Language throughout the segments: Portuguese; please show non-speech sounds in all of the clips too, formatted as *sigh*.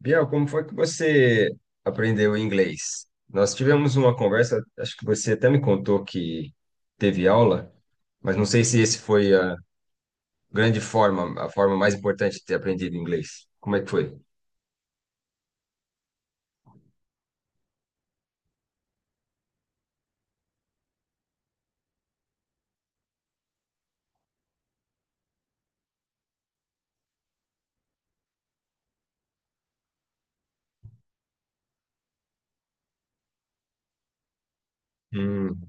Biel, como foi que você aprendeu inglês? Nós tivemos uma conversa, acho que você até me contou que teve aula, mas não sei se esse foi a grande forma, a forma mais importante de ter aprendido inglês. Como é que foi? Hum,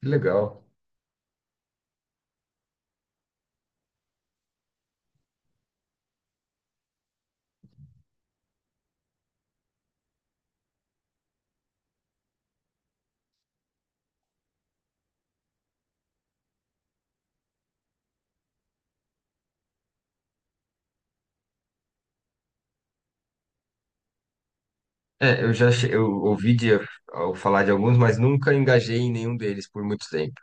que legal. Eu ouvi de, ao falar de alguns, mas nunca engajei em nenhum deles por muito tempo.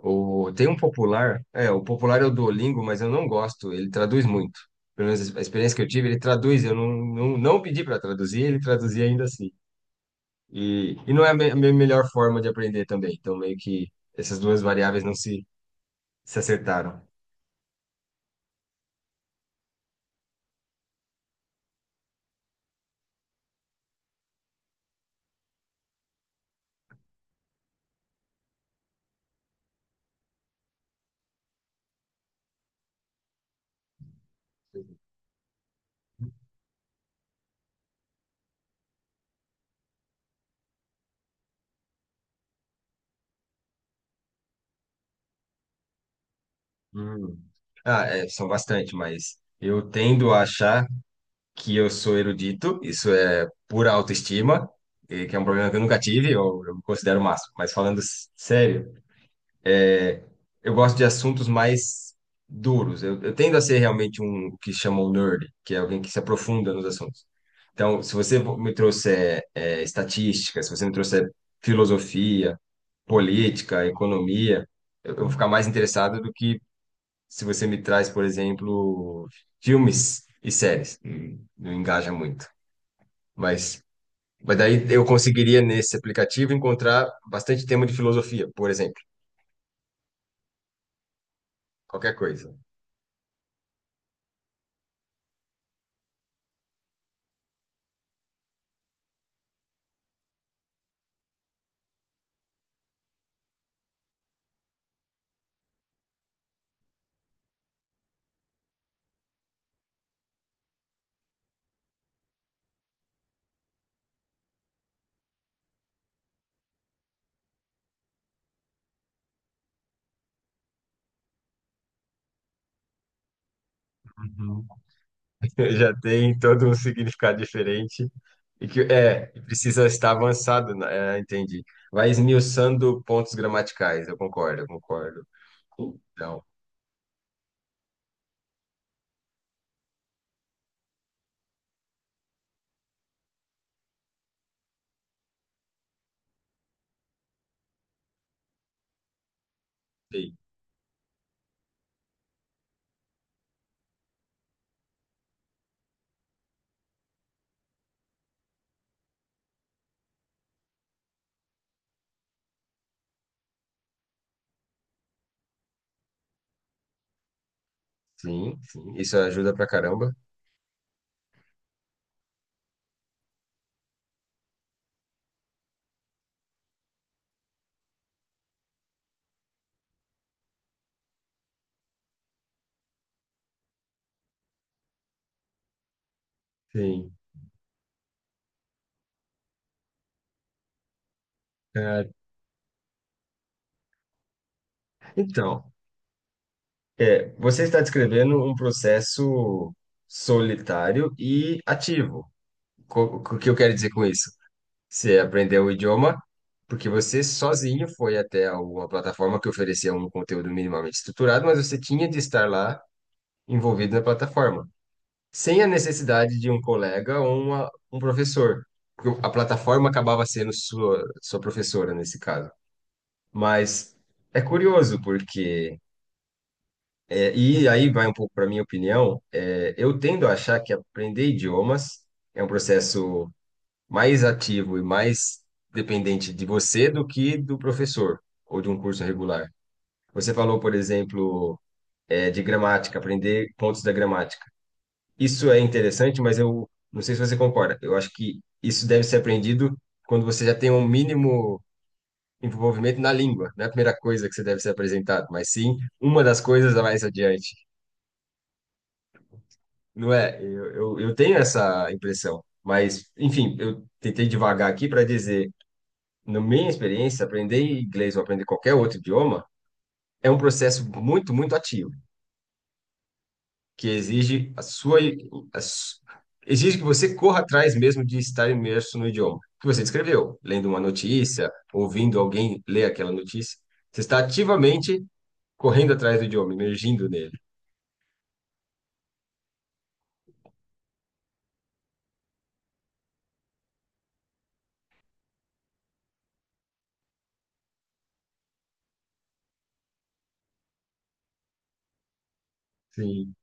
O, tem um popular é o Duolingo, mas eu não gosto, ele traduz muito. Pelo menos a experiência que eu tive, ele traduz, eu não pedi para traduzir, ele traduzia ainda assim. E não é a minha melhor forma de aprender também, então meio que essas duas variáveis se acertaram. Hum. Ah, é, são bastante, mas eu tendo a achar que eu sou erudito, isso é pura autoestima, e que é um problema que eu nunca tive, eu me considero o máximo, mas falando s- sério. É, eu gosto de assuntos mais duros. Eu tendo a ser realmente um o que chamam nerd, que é alguém que se aprofunda nos assuntos. Então, se você me trouxer é, estatística, se você me trouxer filosofia, política, economia, eu vou ficar mais interessado do que se você me traz, por exemplo, filmes e séries. Não engaja muito. Mas, mas daí eu conseguiria, nesse aplicativo, encontrar bastante tema de filosofia, por exemplo, qualquer coisa. Uhum. *laughs* Já tem todo um significado diferente e que é precisa estar avançado, né? É, entendi. Vai esmiuçando pontos gramaticais, eu concordo, eu concordo. Então, sim, sim, isso ajuda pra caramba. Sim. É, então, é, você está descrevendo um processo solitário e ativo. Co- O que eu quero dizer com isso? Você aprendeu o idioma porque você sozinho foi até alguma plataforma que oferecia um conteúdo minimamente estruturado, mas você tinha de estar lá envolvido na plataforma, sem a necessidade de um colega ou um professor. Porque a plataforma acabava sendo sua professora nesse caso. Mas é curioso porque, é, e aí vai um pouco para minha opinião, é, eu tendo a achar que aprender idiomas é um processo mais ativo e mais dependente de você do que do professor ou de um curso regular. Você falou, por exemplo, eh, de gramática, aprender pontos da gramática. Isso é interessante, mas eu não sei se você concorda. Eu acho que isso deve ser aprendido quando você já tem um mínimo envolvimento na língua. Não é a primeira coisa que você deve ser apresentado, mas sim uma das coisas a mais adiante. Não é? Eu tenho essa impressão. Mas, enfim, eu tentei divagar aqui para dizer na minha experiência, aprender inglês ou aprender qualquer outro idioma é um processo muito, muito ativo, que exige a sua, a su- exige que você corra atrás mesmo de estar imerso no idioma que você escreveu, lendo uma notícia, ouvindo alguém ler aquela notícia. Você está ativamente correndo atrás do idioma, emergindo nele. Sim,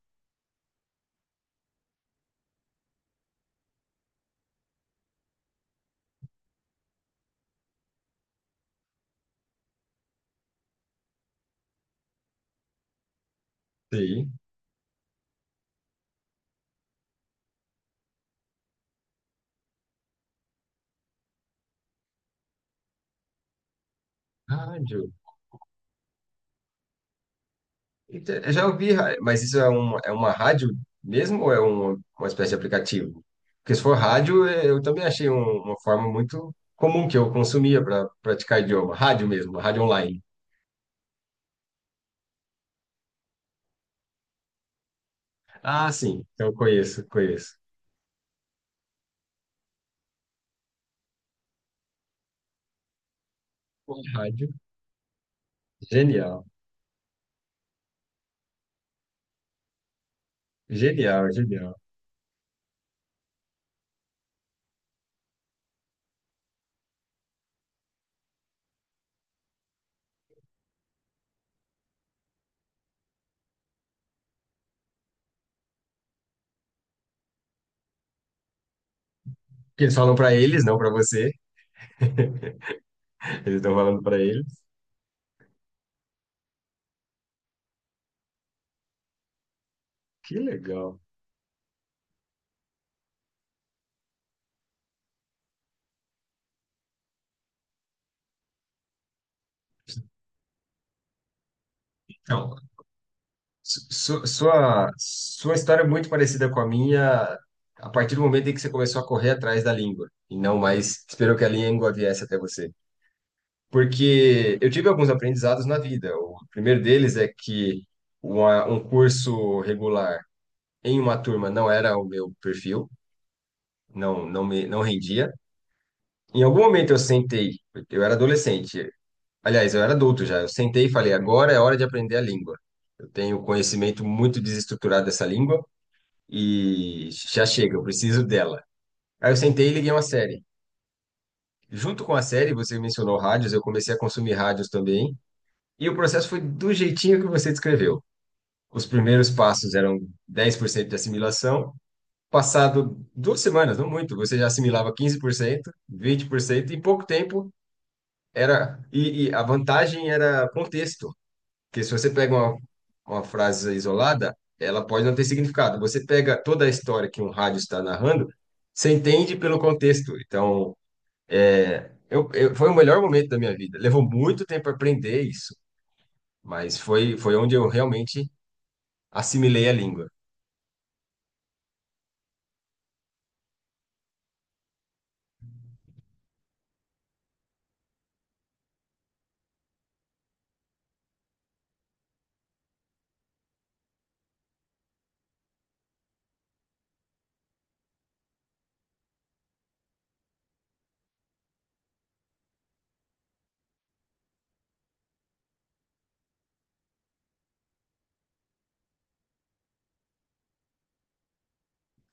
sim. Rádio. Inte- Eu já ouvi, ra- mas isso é uma rádio mesmo ou é uma espécie de aplicativo? Porque se for rádio, eh, eu também achei uma forma muito comum que eu consumia para praticar idioma. Rádio mesmo, rádio online. Ah, sim, então, eu conheço, conheço. Pô, Rádio, genial, genial. Porque eles falam para eles, não para você. *laughs* Eles estão falando para eles. Que legal. Então, sua história é muito parecida com a minha, a partir do momento em que você começou a correr atrás da língua, e não mais esperou que a língua viesse até você. Porque eu tive alguns aprendizados na vida. O primeiro deles é que um curso regular em uma turma não era o meu perfil, não rendia. Em algum momento eu sentei, eu era adolescente, aliás, eu era adulto já, eu sentei e falei, agora é hora de aprender a língua. Eu tenho conhecimento muito desestruturado dessa língua e já chega, eu preciso dela. Aí eu sentei e liguei uma série. Junto com a série, você mencionou rádios, eu comecei a consumir rádios também. E o processo foi do jeitinho que você descreveu. Os primeiros passos eram 10% de assimilação. Passado duas semanas, não muito, você já assimilava 15%, 20%, e em pouco tempo era. E a vantagem era contexto. Porque se você pega uma frase isolada, ela pode não ter significado. Você pega toda a história que um rádio está narrando, você entende pelo contexto. Então, foi o melhor momento da minha vida. Levou muito tempo aprender isso, mas foi onde eu realmente assimilei a língua.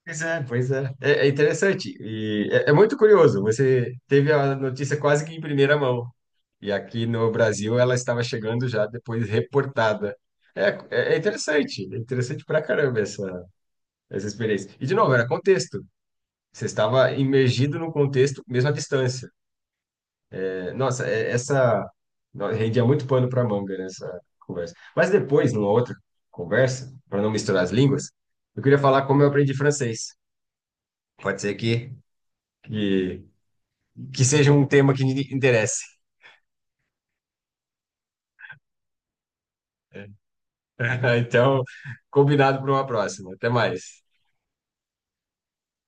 Pois é, pois é. É, é interessante. É muito curioso. Você teve a notícia quase que em primeira mão. E aqui no Brasil ela estava chegando já depois reportada. É interessante pra caramba essa experiência. E, de novo, era contexto. Você estava imergido no contexto, mesmo à distância. É, nossa, é- essa. No- Rendia muito pano para manga nessa conversa. Mas depois, numa outra conversa, para não misturar as línguas, eu queria falar como eu aprendi francês. Pode ser que, que seja um tema que interesse. *laughs* Então, combinado para uma próxima. Até mais.